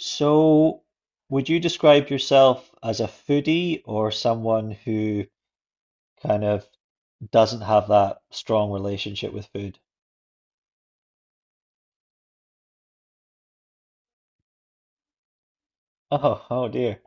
So, would you describe yourself as a foodie or someone who kind of doesn't have that strong relationship with food? Oh, oh dear.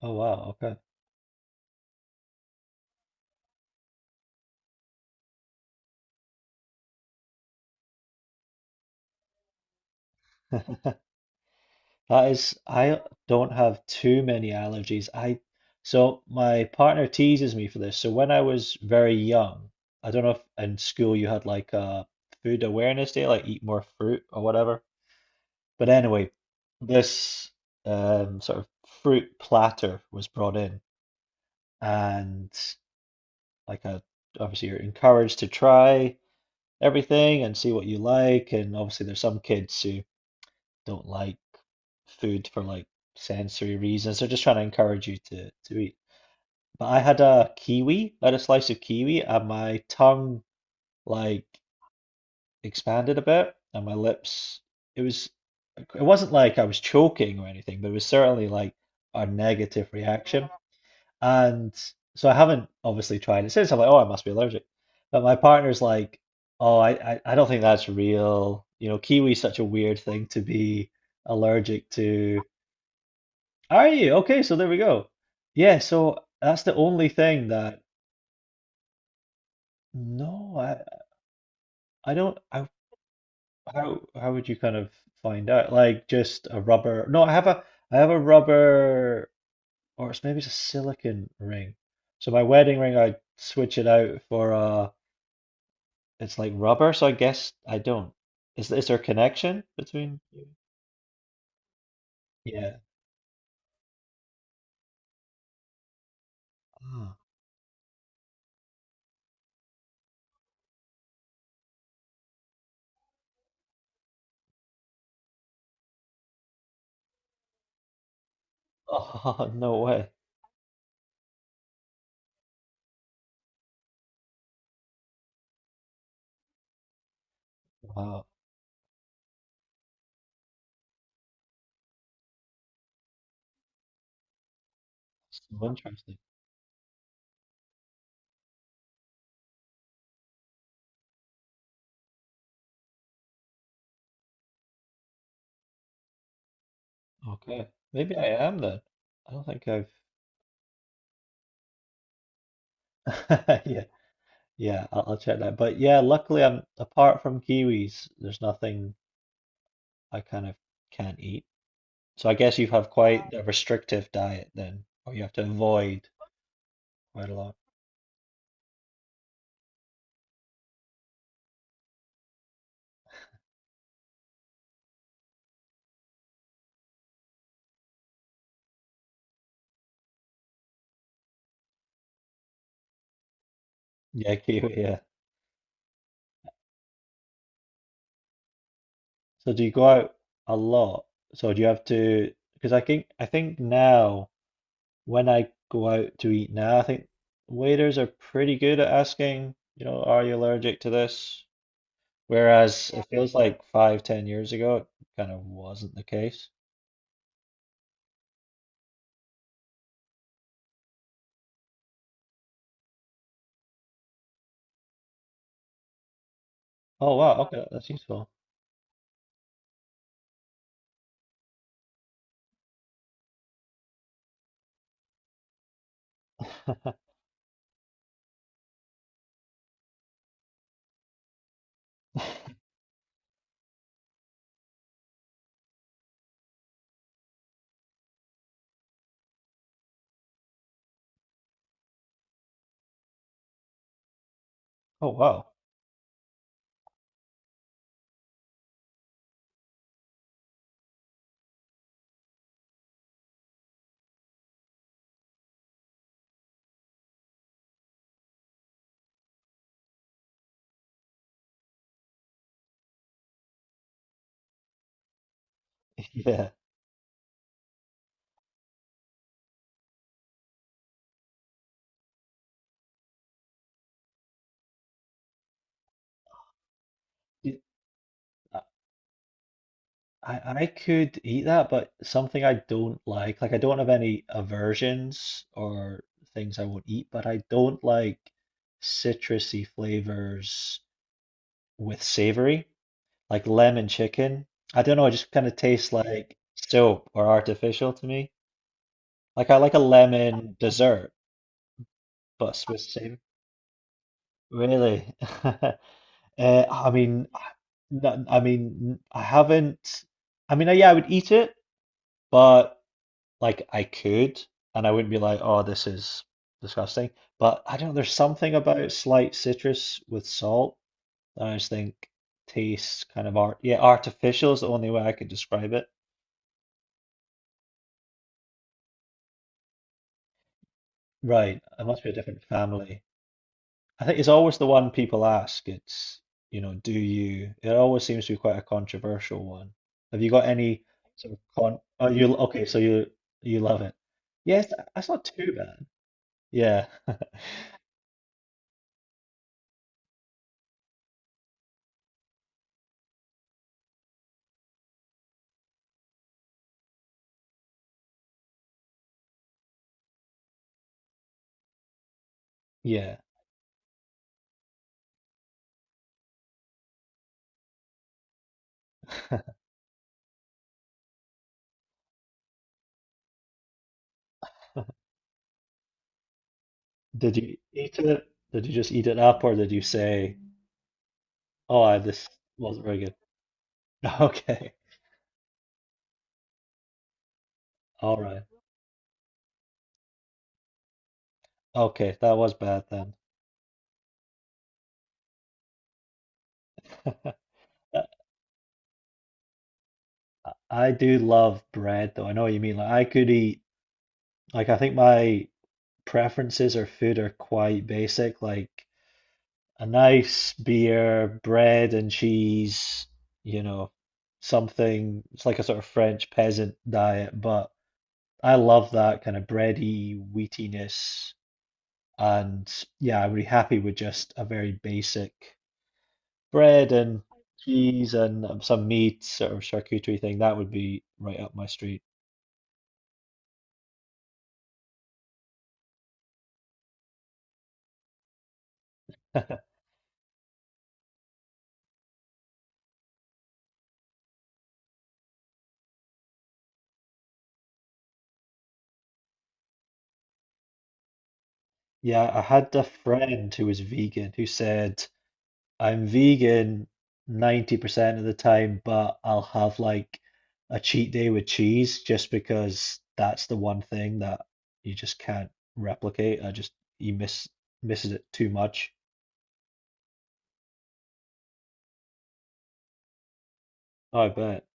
Oh wow, okay. That is, I don't have too many allergies. I so my partner teases me for this. So when I was very young, I don't know if in school you had like a food awareness day, like eat more fruit or whatever. But anyway, this sort of fruit platter was brought in. And like a, obviously you're encouraged to try everything and see what you like, and obviously there's some kids who don't like food for like sensory reasons, they're just trying to encourage you to eat, but I had a slice of kiwi, and my tongue like expanded a bit, and my lips, it was it wasn't like I was choking or anything, but it was certainly like a negative reaction. And so I haven't obviously tried it since. I'm like, oh, I must be allergic. But my partner's like, oh, I don't think that's real. You know, kiwi's such a weird thing to be allergic to. Are you? Okay, so there we go. Yeah, so that's the only thing that, no, I don't, how would you kind of find out? Like just a rubber, no, I have a rubber, or it's maybe it's a silicon ring. So my wedding ring, I switch it out for a, it's like rubber, so I guess I don't. Is there a connection between you? Yeah. Ah. Oh, no way. Wow. So interesting. Okay. Maybe I am then. I don't think I've. Yeah. Yeah, I'll check that. But yeah, luckily I'm apart from kiwis, there's nothing I kind of can't eat. So I guess you have quite a restrictive diet then, or you have to avoid quite a lot. Yeah, kiwi, yeah. So do you go out a lot? So do you have to? Because I think now when I go out to eat now, I think waiters are pretty good at asking, are you allergic to this? Whereas, yeah, it feels like 5, 10 years ago, it kind of wasn't the case. Oh wow, okay, that's useful. Oh wow, yeah. I could eat that, but something I don't like. Like I don't have any aversions or things I won't eat, but I don't like citrusy flavors with savory, like lemon chicken. I don't know, it just kind of tastes like soap or artificial to me. Like I like a lemon dessert, but with savour. Really? I mean, no, I mean, I haven't. I mean, yeah, I would eat it, but. Like I could, and I wouldn't be like, oh, this is disgusting. But I don't know, there's something about slight citrus with salt that I just think tastes kind of art. Yeah, artificial is the only way I could describe it. Right, it must be a different family. I think it's always the one people ask. It's, you know, do you? It always seems to be quite a controversial one. Have you got any sort of con? Oh, you okay? So you love it? Yes, that's not too bad. Yeah, yeah. Did you eat it? Did you just eat it up, or did you say, "Oh, I, this wasn't very good"? Okay, all right. Okay, that was bad then. I I do love bread, though. I know what you mean. Like, I could eat. Like, I think my preferences or food are quite basic. Like a nice beer, bread and cheese. You know, something. It's like a sort of French peasant diet, but I love that kind of bready wheatiness. And yeah, I'm really happy with just a very basic bread and cheese and some meat sort of charcuterie thing. That would be right up my street. Yeah, I had a friend who was vegan who said, I'm vegan 90% of the time, but I'll have like a cheat day with cheese just because that's the one thing that you just can't replicate. I just, you miss, misses it too much. Oh, I bet.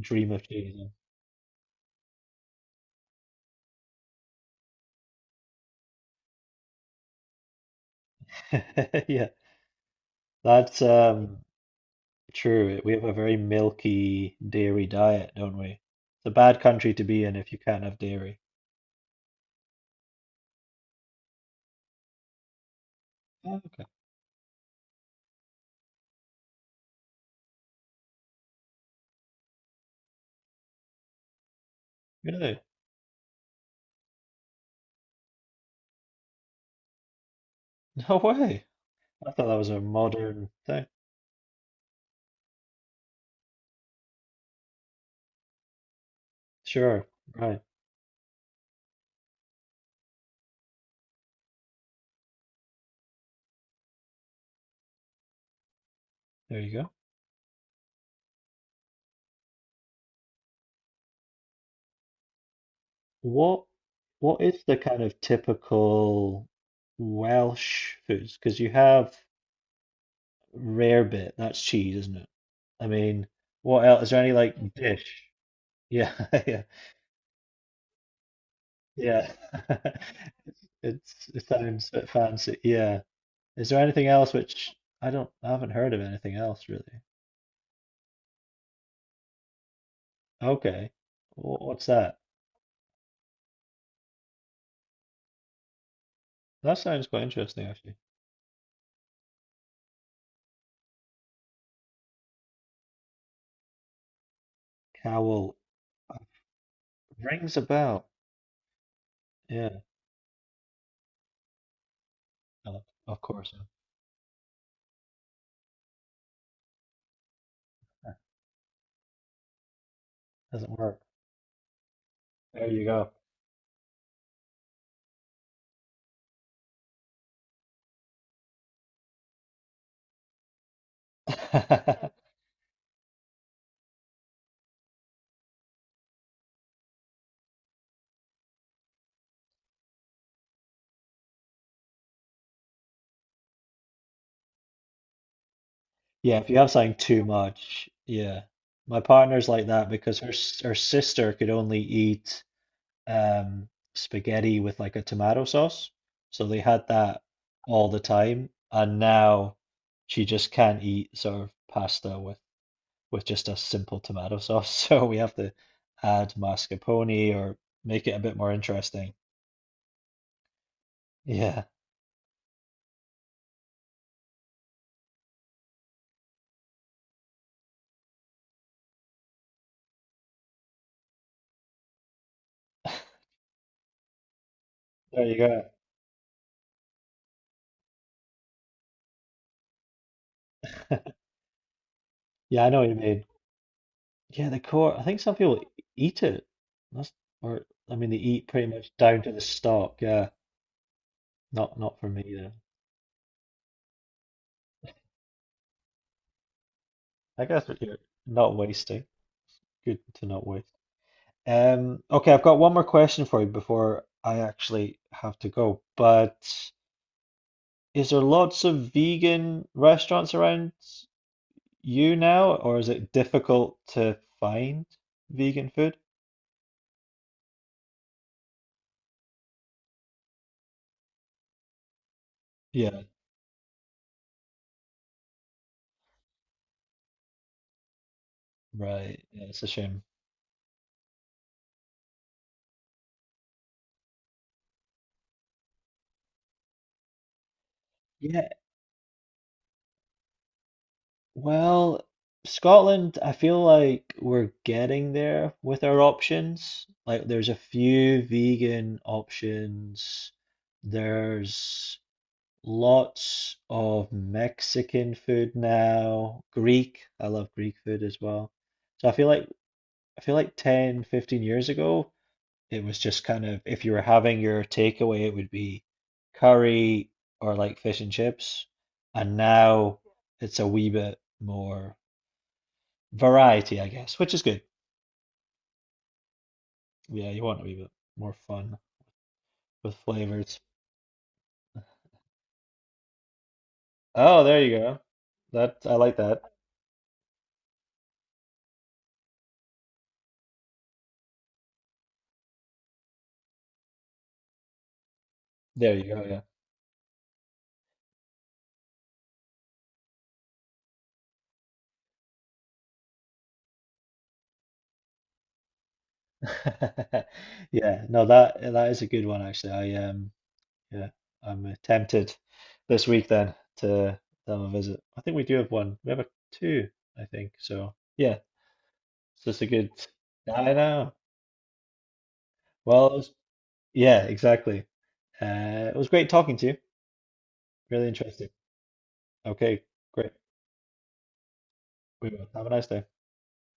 Dream of cheese. Yeah. That's true. We have a very milky dairy diet, don't we? It's a bad country to be in if you can't have dairy. Oh, okay. Really? No way. I thought that was a modern thing. Sure. Right. There you go. What what is the kind of typical Welsh foods? Because you have rarebit, that's cheese, isn't it? I mean, what else? Is there any like dish? Yeah, yeah, yeah. It sounds a bit fancy. Yeah. Is there anything else which I don't, I haven't heard of anything else really. Okay. What's that? That sounds quite interesting actually. Cowl uh, rings a bell. Yeah, of of course. Yeah. Doesn't work. There you go. Yeah, if you have something too much, yeah. My partner's like that because her sister could only eat um, spaghetti with like a tomato sauce. So they had that all the time, and now she just can't eat sort of pasta with just a simple tomato sauce. So we have to add mascarpone or make it a bit more interesting. Yeah, there you go. Yeah, I know what you mean. Yeah, the core. I think some people eat it. That's, or I mean, they eat pretty much down to the stalk. Yeah, not for me though. I guess what you're not wasting. Good to not waste. Okay, I've got one more question for you before I actually have to go. But is there lots of vegan restaurants around you now, or is it difficult to find vegan food? Yeah, right. Yeah, it's a shame. Yeah, well, Scotland, I feel like we're getting there with our options. Like, there's a few vegan options. There's Lots of Mexican food now, Greek. I love Greek food as well. So I feel like 10, 15 years ago, it was just kind of if you were having your takeaway, it would be curry or like fish and chips. And now it's a wee bit more variety, I guess, which is good. Yeah, you want a wee bit more fun with flavors. Oh, there you go. That I like that. There you go. Yeah. Yeah, no, that is a good one actually. I yeah, I'm tempted this week then to have a visit. I think we do have one. We have a two, I think. So yeah, it's just a good. I know. Well, it was, yeah, exactly. It was great talking to you. Really interesting. Okay, great. We will. Have a nice day.